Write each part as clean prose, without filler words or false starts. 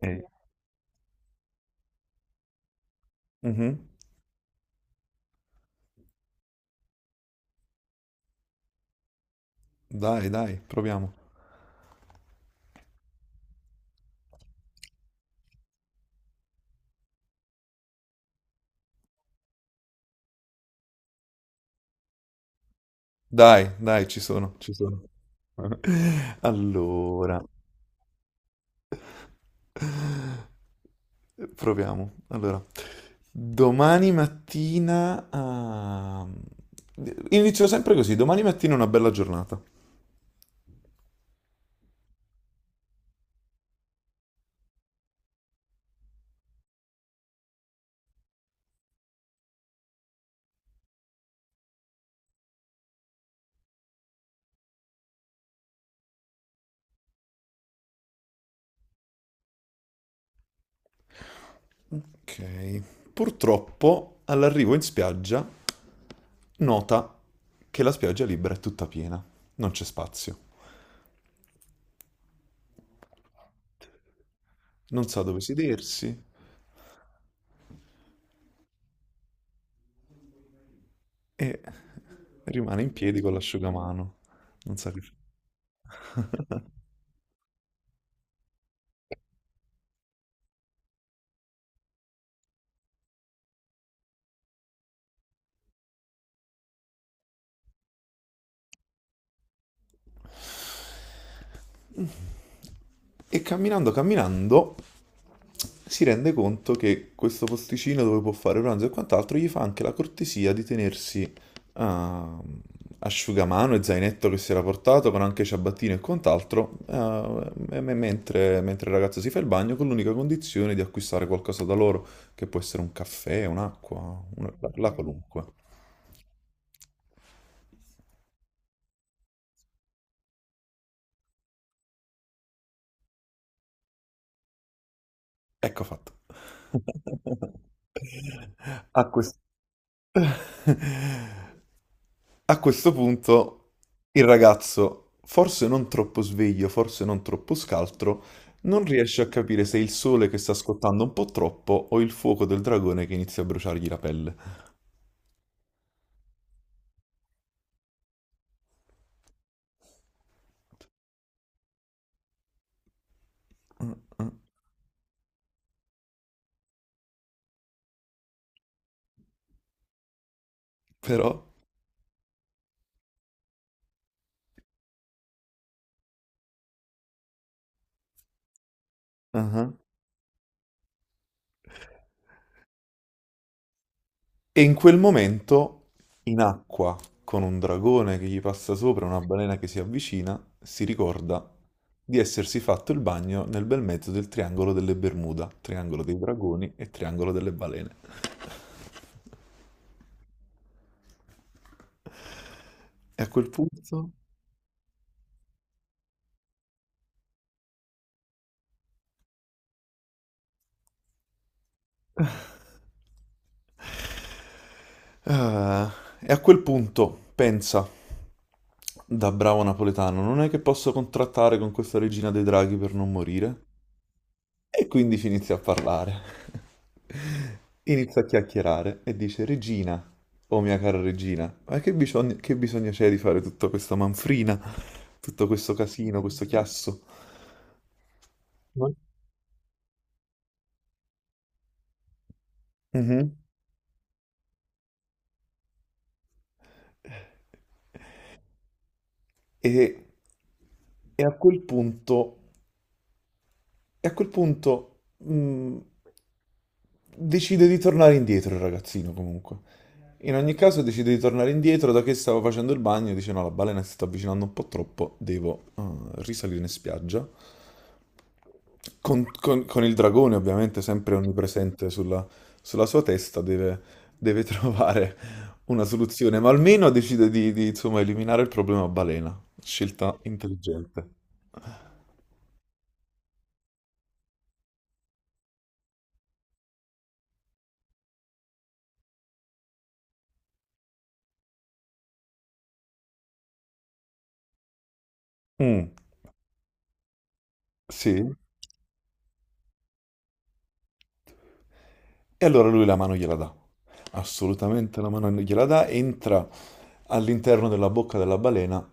Eh, mhm. Dai, dai, proviamo. Dai, dai, ci sono, ci sono. Allora, proviamo. Allora, domani mattina... ah, Inizio sempre così, domani mattina è una bella giornata. Ok. Purtroppo, all'arrivo in spiaggia, nota che la spiaggia libera è tutta piena, non c'è spazio. Non sa dove sedersi e rimane in piedi con l'asciugamano. Non sa che fa. E camminando, camminando, si rende conto che questo posticino dove può fare pranzo e quant'altro gli fa anche la cortesia di tenersi ah, asciugamano e zainetto che si era portato, con anche ciabattino e quant'altro, mentre il ragazzo si fa il bagno, con l'unica condizione di acquistare qualcosa da loro, che può essere un caffè, un'acqua, la qualunque. Ecco fatto. A questo. A questo punto il ragazzo, forse non troppo sveglio, forse non troppo scaltro, non riesce a capire se è il sole che sta scottando un po' troppo o il fuoco del dragone che inizia a bruciargli la pelle. Mm. Mm. Però. Mhm. E in quel momento, in acqua, con un dragone che gli passa sopra, una balena che si avvicina, si ricorda di essersi fatto il bagno nel bel mezzo del triangolo delle Bermuda, triangolo dei dragoni e triangolo delle balene. E a quel punto... Ah, e a quel punto, pensa, da bravo napoletano, non è che posso contrattare con questa regina dei draghi per non morire? E quindi inizia a parlare. Inizia a chiacchierare e dice, Regina, oh mia cara regina, ma che bisogno c'è di fare tutta questa manfrina, tutto questo casino, questo chiasso? No? Mhm. E, e a quel punto, e a quel punto decide di tornare indietro il ragazzino comunque. In ogni caso decide di tornare indietro, da che stavo facendo il bagno, dice no, la balena si sta avvicinando un po' troppo, devo risalire in spiaggia. Con il dragone ovviamente sempre onnipresente sulla sua testa, deve trovare una soluzione, ma almeno decide di, insomma, eliminare il problema balena. Scelta intelligente. Mm, sì. E allora lui la mano gliela dà. Assolutamente la mano gliela dà, entra all'interno della bocca della balena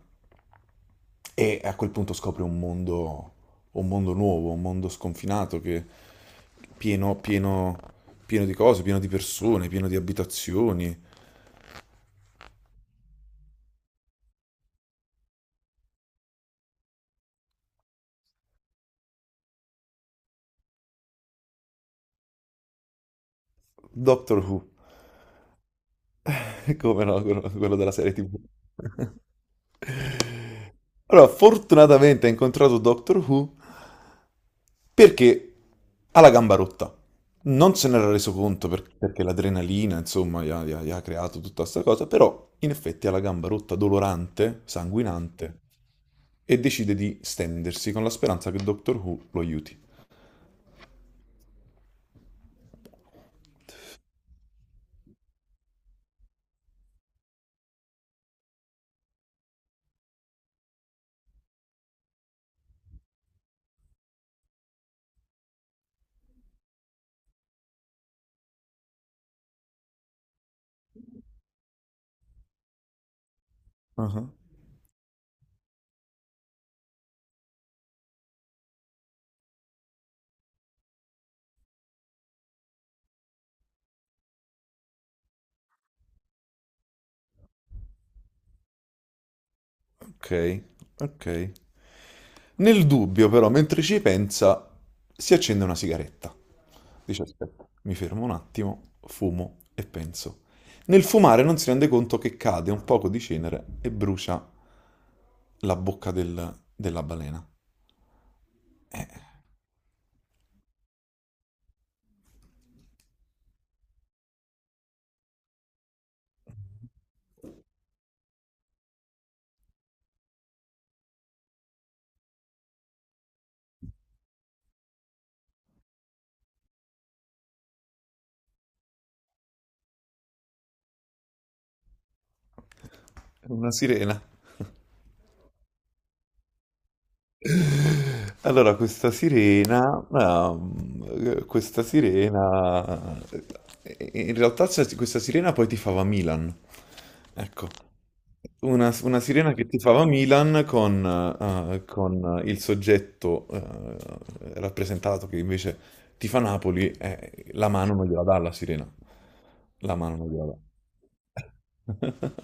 e a quel punto scopre un mondo nuovo, un mondo sconfinato che pieno, pieno, pieno di cose, pieno di persone, pieno di abitazioni. Doctor Who, come no, quello della serie TV. Allora, fortunatamente ha incontrato Doctor Who perché ha la gamba rotta. Non se n'era reso conto perché l'adrenalina, insomma, gli ha creato tutta questa cosa, però in effetti ha la gamba rotta, dolorante, sanguinante, e decide di stendersi con la speranza che Doctor Who lo aiuti. Ah, ok, ok. Nel dubbio, però, mentre ci pensa, si accende una sigaretta. Dice, aspetta, mi fermo un attimo, fumo e penso. Nel fumare non si rende conto che cade un poco di cenere e brucia la bocca della balena. È una sirena. Allora, questa sirena poi tifava Milan, ecco, una sirena che tifava Milan con il soggetto rappresentato che invece tifa Napoli, la mano non gliela dà alla sirena, la mano non gliela dà.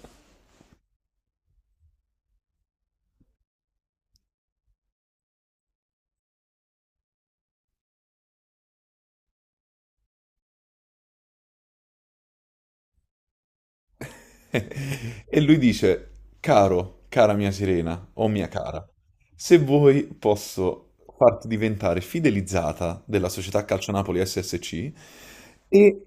E lui dice, cara mia sirena o mia cara, se vuoi posso farti diventare fidelizzata della società Calcio Napoli SSC e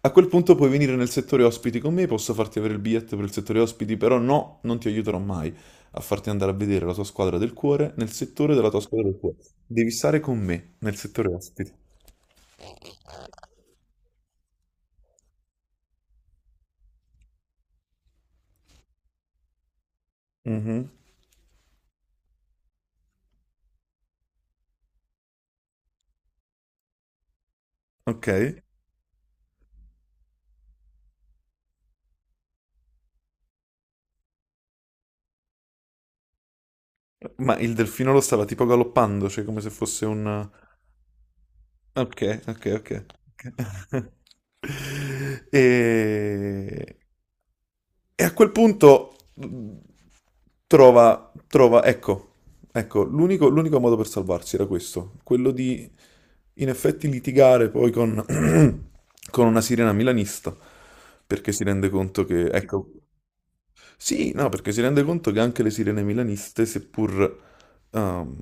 a quel punto puoi venire nel settore ospiti con me, posso farti avere il biglietto per il settore ospiti, però no, non ti aiuterò mai a farti andare a vedere la tua squadra del cuore nel settore della tua squadra del cuore. Devi stare con me nel settore ospiti. Mhm. Ok. Ma il delfino lo stava tipo galoppando, cioè come se fosse un? Ok, ok, ok. Ok. E... e a quel punto ecco, ecco, l'unico modo per salvarsi era questo, quello di in effetti litigare poi con una sirena milanista, perché si rende conto che, ecco, sì, no, perché si rende conto che anche le sirene milaniste, ehm,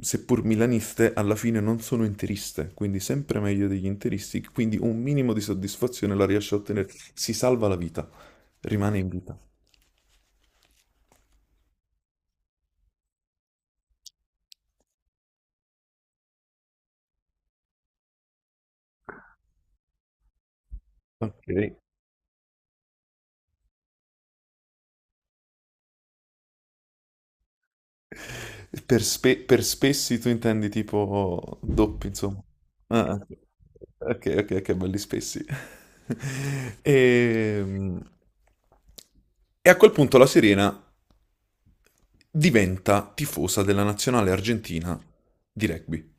seppur milaniste, alla fine non sono interiste, quindi sempre meglio degli interisti, quindi un minimo di soddisfazione la riesce a ottenere. Si salva la vita, rimane in vita. Ok. Per spessi tu intendi tipo doppi, insomma. Ah, ah, sì. Ok, ok, ok, belli spessi. Ehm, E a quel punto la Serena diventa tifosa della nazionale argentina di rugby,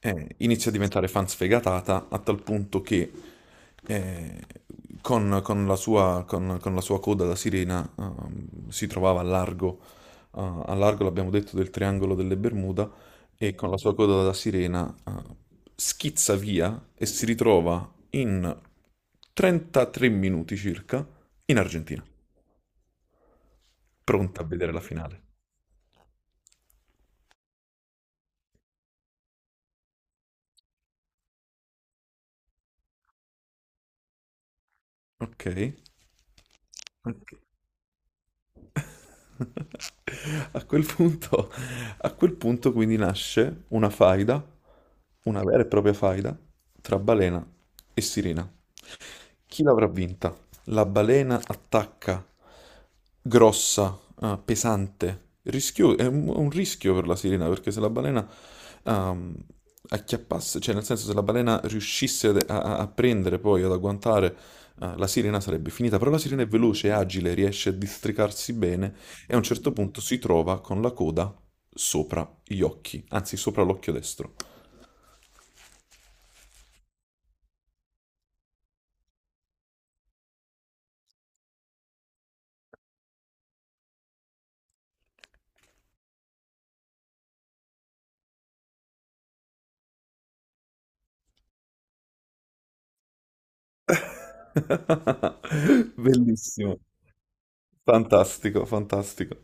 inizia a diventare fan sfegatata a tal punto che eh, con la sua coda da sirena si trovava a largo l'abbiamo detto, del triangolo delle Bermuda, e con la sua coda da sirena schizza via e si ritrova in 33 minuti circa in Argentina, pronta a vedere la finale. Ok. Ok. A quel punto, a quel punto, quindi nasce una faida, una vera e propria faida tra balena e sirena. Chi l'avrà vinta? La balena attacca, grossa, pesante, è un rischio per la sirena perché se la balena ehm, acchiappasse, cioè nel senso se la balena riuscisse a prendere poi, ad agguantare, la sirena sarebbe finita, però la sirena è veloce, è agile, riesce a districarsi bene e a un certo punto si trova con la coda sopra gli occhi, anzi sopra l'occhio destro. Bellissimo, fantastico, fantastico.